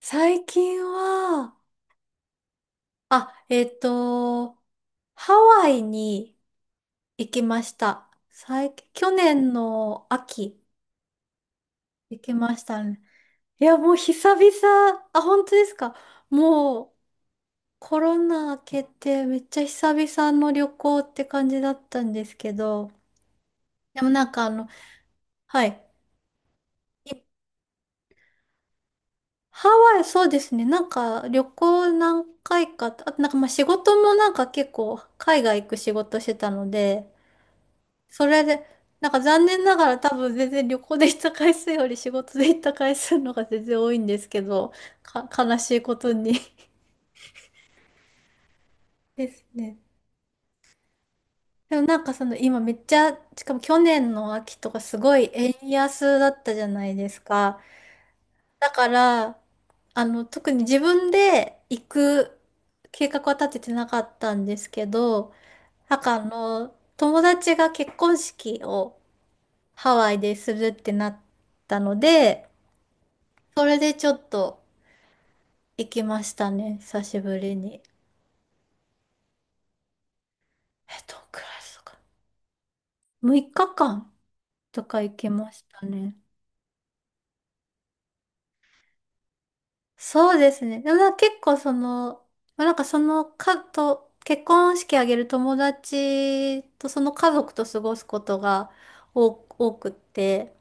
最近は、あ、えっと、ハワイに行きました。最近、去年の秋、行きましたね。いや、もう久々、あ、本当ですか？もうコロナ明けてめっちゃ久々の旅行って感じだったんですけど、でもなんかはい。いハワイ、そうですね。なんか旅行何回か、あとなんかまあ仕事もなんか結構海外行く仕事してたので、それで、なんか残念ながら多分全然旅行で行った回数より仕事で行った回数の方が全然多いんですけど、悲しいことに ですね。でもなんかその今めっちゃ、しかも去年の秋とかすごい円安だったじゃないですか。だから、特に自分で行く計画は立ててなかったんですけど、なんか友達が結婚式をハワイでするってなったので、それでちょっと行きましたね。久しぶりに。えっ、クラスか？6日間とか行きましたね。そうですね。でもなんか結構その、まあなんかそのかと、結婚式あげる友達とその家族と過ごすことが多、多くって、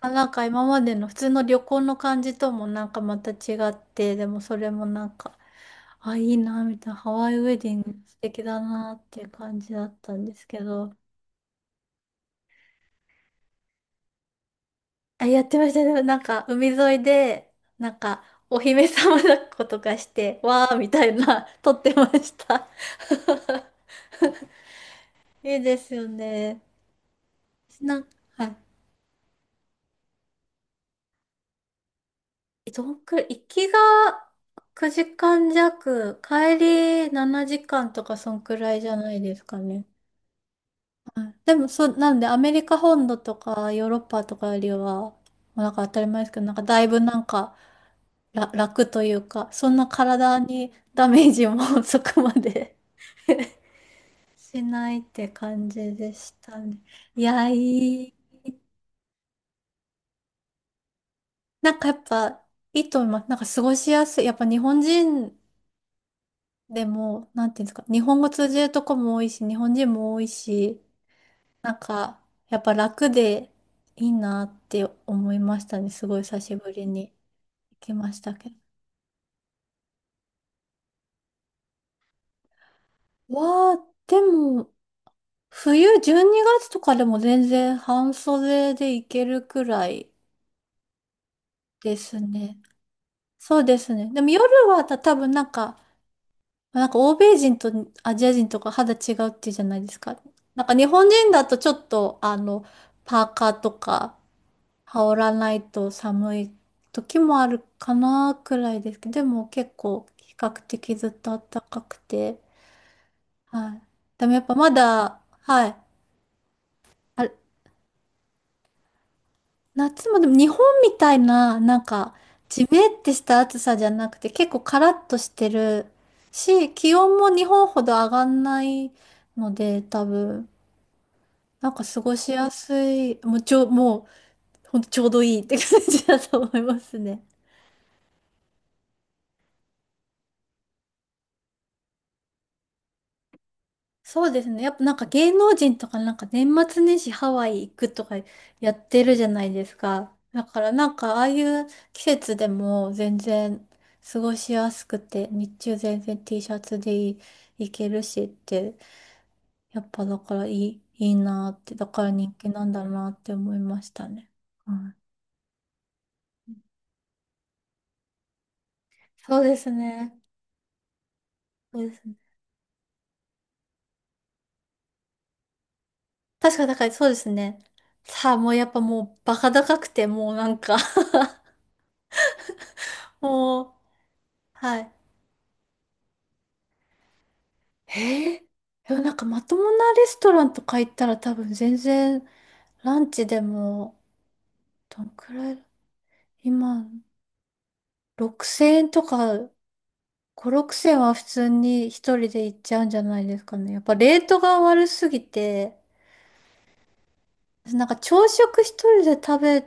まあ、なんか今までの普通の旅行の感じともなんかまた違って、でもそれもなんか、あ、いいな、みたいな、ハワイウェディング素敵だなっていう感じだったんですけど、あ、やってましたね。でもなんか、海沿いで、なんか、お姫様抱っことかして、わーみたいな、撮ってました。いいですよね。なんか、はい、どんくらい、行きが9時間弱、帰り7時間とか、そんくらいじゃないですかね。はい、でも、そう、なんで、アメリカ本土とか、ヨーロッパとかよりは、まあなんか当たり前ですけど、なんかだいぶなんか、楽というか、そんな体にダメージも そこまで しないって感じでしたね。いや、いい。なんかやっぱ、いいと思います。なんか過ごしやすい。やっぱ日本人でも、なんていうんですか、日本語通じるとこも多いし、日本人も多いし、なんか、やっぱ楽でいいなって思いましたね。すごい久しぶりに行きましたけど。わあ、でも、冬12月とかでも全然半袖でいけるくらいですね。そうですね。でも夜はた多分なんか、なんか欧米人とアジア人とか肌違うっていうじゃないですか。なんか日本人だとちょっとパーカーとか羽織らないと寒い時もあるかなくらいですけど、でも結構比較的ずっと暖かくて、はい。でもやっぱまだ、はい。あ、夏もでも日本みたいな、なんか、ジメってした暑さじゃなくて、結構カラッとしてるし、気温も日本ほど上がんないので、多分、なんか過ごしやすい、もう、ほんとちょうどいいって感じだと思いますね。そうですね。やっぱなんか芸能人とかなんか年末年始ハワイ行くとかやってるじゃないですか。だからなんかああいう季節でも全然過ごしやすくて、日中全然 T シャツで行けるしって、やっぱだからいいなって、だから人気なんだなって思いましたね。うん、そうですね。そうですね。確かだからそうですね。さあもうやっぱもうバカ高くてもうなんか もう、はい。へえ。でもなんかまともなレストランとか行ったら多分全然ランチでもどんくらい今6000円とか5、6000円は普通に一人で行っちゃうんじゃないですかね。やっぱレートが悪すぎて、なんか朝食一人で食べ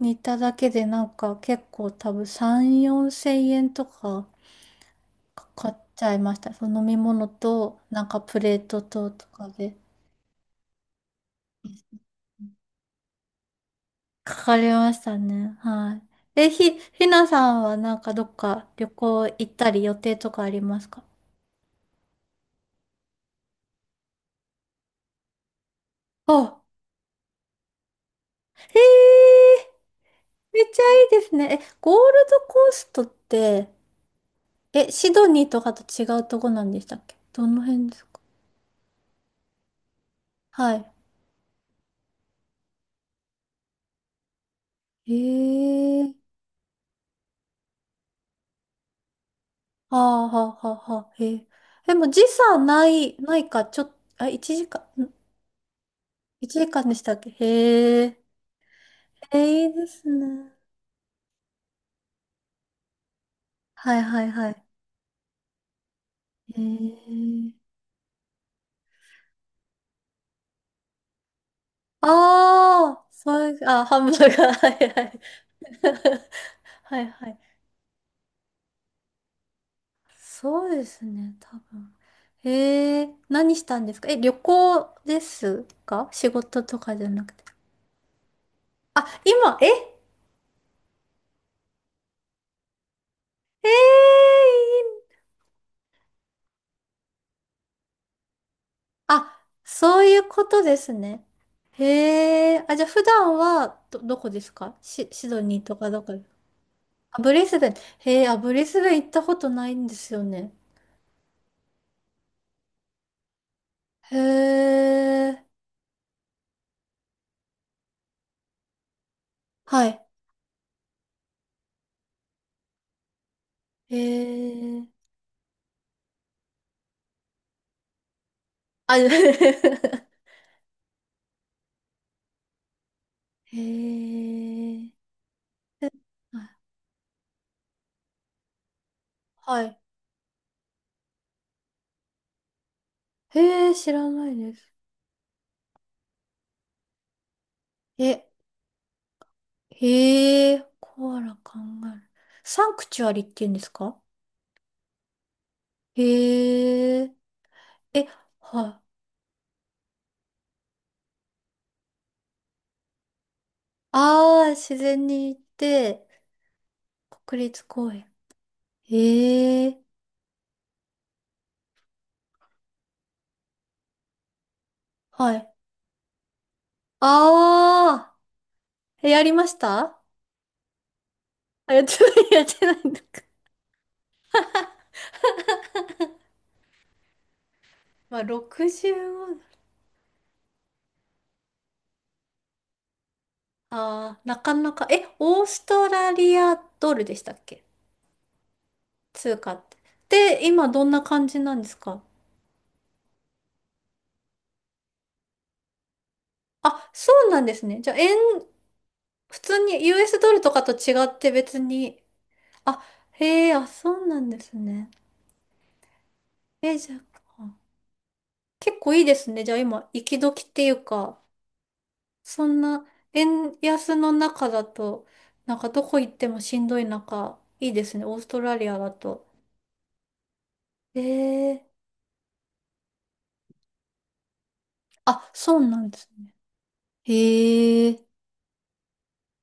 に行っただけでなんか結構多分3、4000円とかかかっちゃいました。その飲み物となんかプレートととかで。かかりましたね。はい。え、ひなさんはなんかどっか旅行行ったり予定とかありますか？あ、へえ、めっちゃいいですね。え、ゴールドコーストって、え、シドニーとかと違うとこなんでしたっけ？どの辺ですか？はい。へえ、はあはあはあはあ、へえ。でも時差ない、ないか、ちょっと、あ、1時間、ん、1時間でしたっけ？へえ、え、いいですね。はいはいはい。へえ。ああ、そういう、あ、ハンバーガー、はいはい。はいはい。そうですね、多分。何したんですか？え、旅行ですか？仕事とかじゃなくて。あ、今、え、いい、あ、そういうことですね。へえ、あ、じゃあ普段はどこですか？シドニーとかどこ？あ、ブリスベン。へえ、あ、ブリスベン行ったことないんですよね。へえ、はい。へえ。あ、へえ。あはい。はい、へえ、知らないです。え、へえ、コアラ、カンガルー。サンクチュアリって言うんですか？へえ、え、はい。ああ、自然に行って、国立公園。へえ、はい。ああ、やりました？あ、やってない、やってないんだか。まあ、65。ああ、なかなか。え、オーストラリアドルでしたっけ？通貨って。で、今どんな感じなんですか？あ、そうなんですね。じゃあ、円、普通に US ドルとかと違って別に。あ、へえ、あ、そうなんですね。え、じゃあ、結構いいですね。じゃあ今、行き時っていうか、そんな円安の中だと、なんかどこ行ってもしんどい中、いいですね。オーストラリアだと。へえ、あ、そうなんですね。へえ、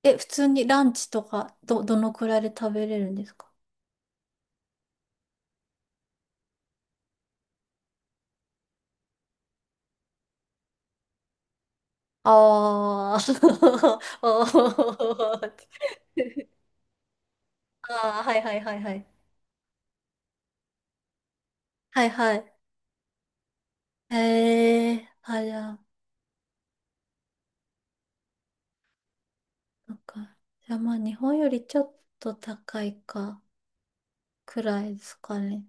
え、普通にランチとか、どのくらいで食べれるんですか？あー おー あー、はいはいはいはい。はいはい。へえ、あ、じゃあ、なんか、じゃあまあ日本よりちょっと高いか、くらいですかね。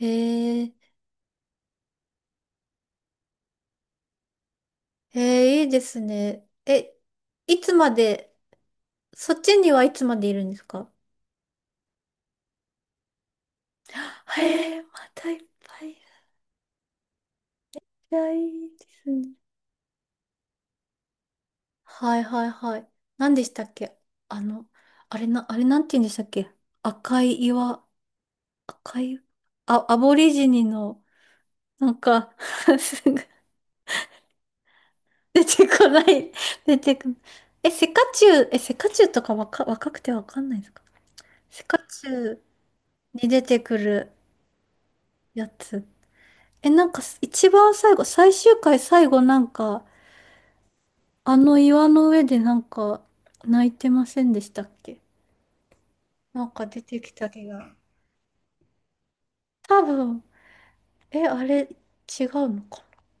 へえ、へえ、いいですね。え、いつまで、そっちにはいつまでいるんですか？へえ、またいっぱい。いや、いいですね。はいはいはい。何でしたっけ？あの、あれなんて言うんでしたっけ？赤い岩、赤い、あ、アボリジニの、なんか すぐ出てこない、出てこない。え、セカチュウとか若くてわかんないですか？セカチュウに出てくるやつ。え、なんか一番最後、最終回最後なんか、あの岩の上でなんか泣いてませんでしたっけ？なんか出てきた気が。多分、え、あれ、違うのか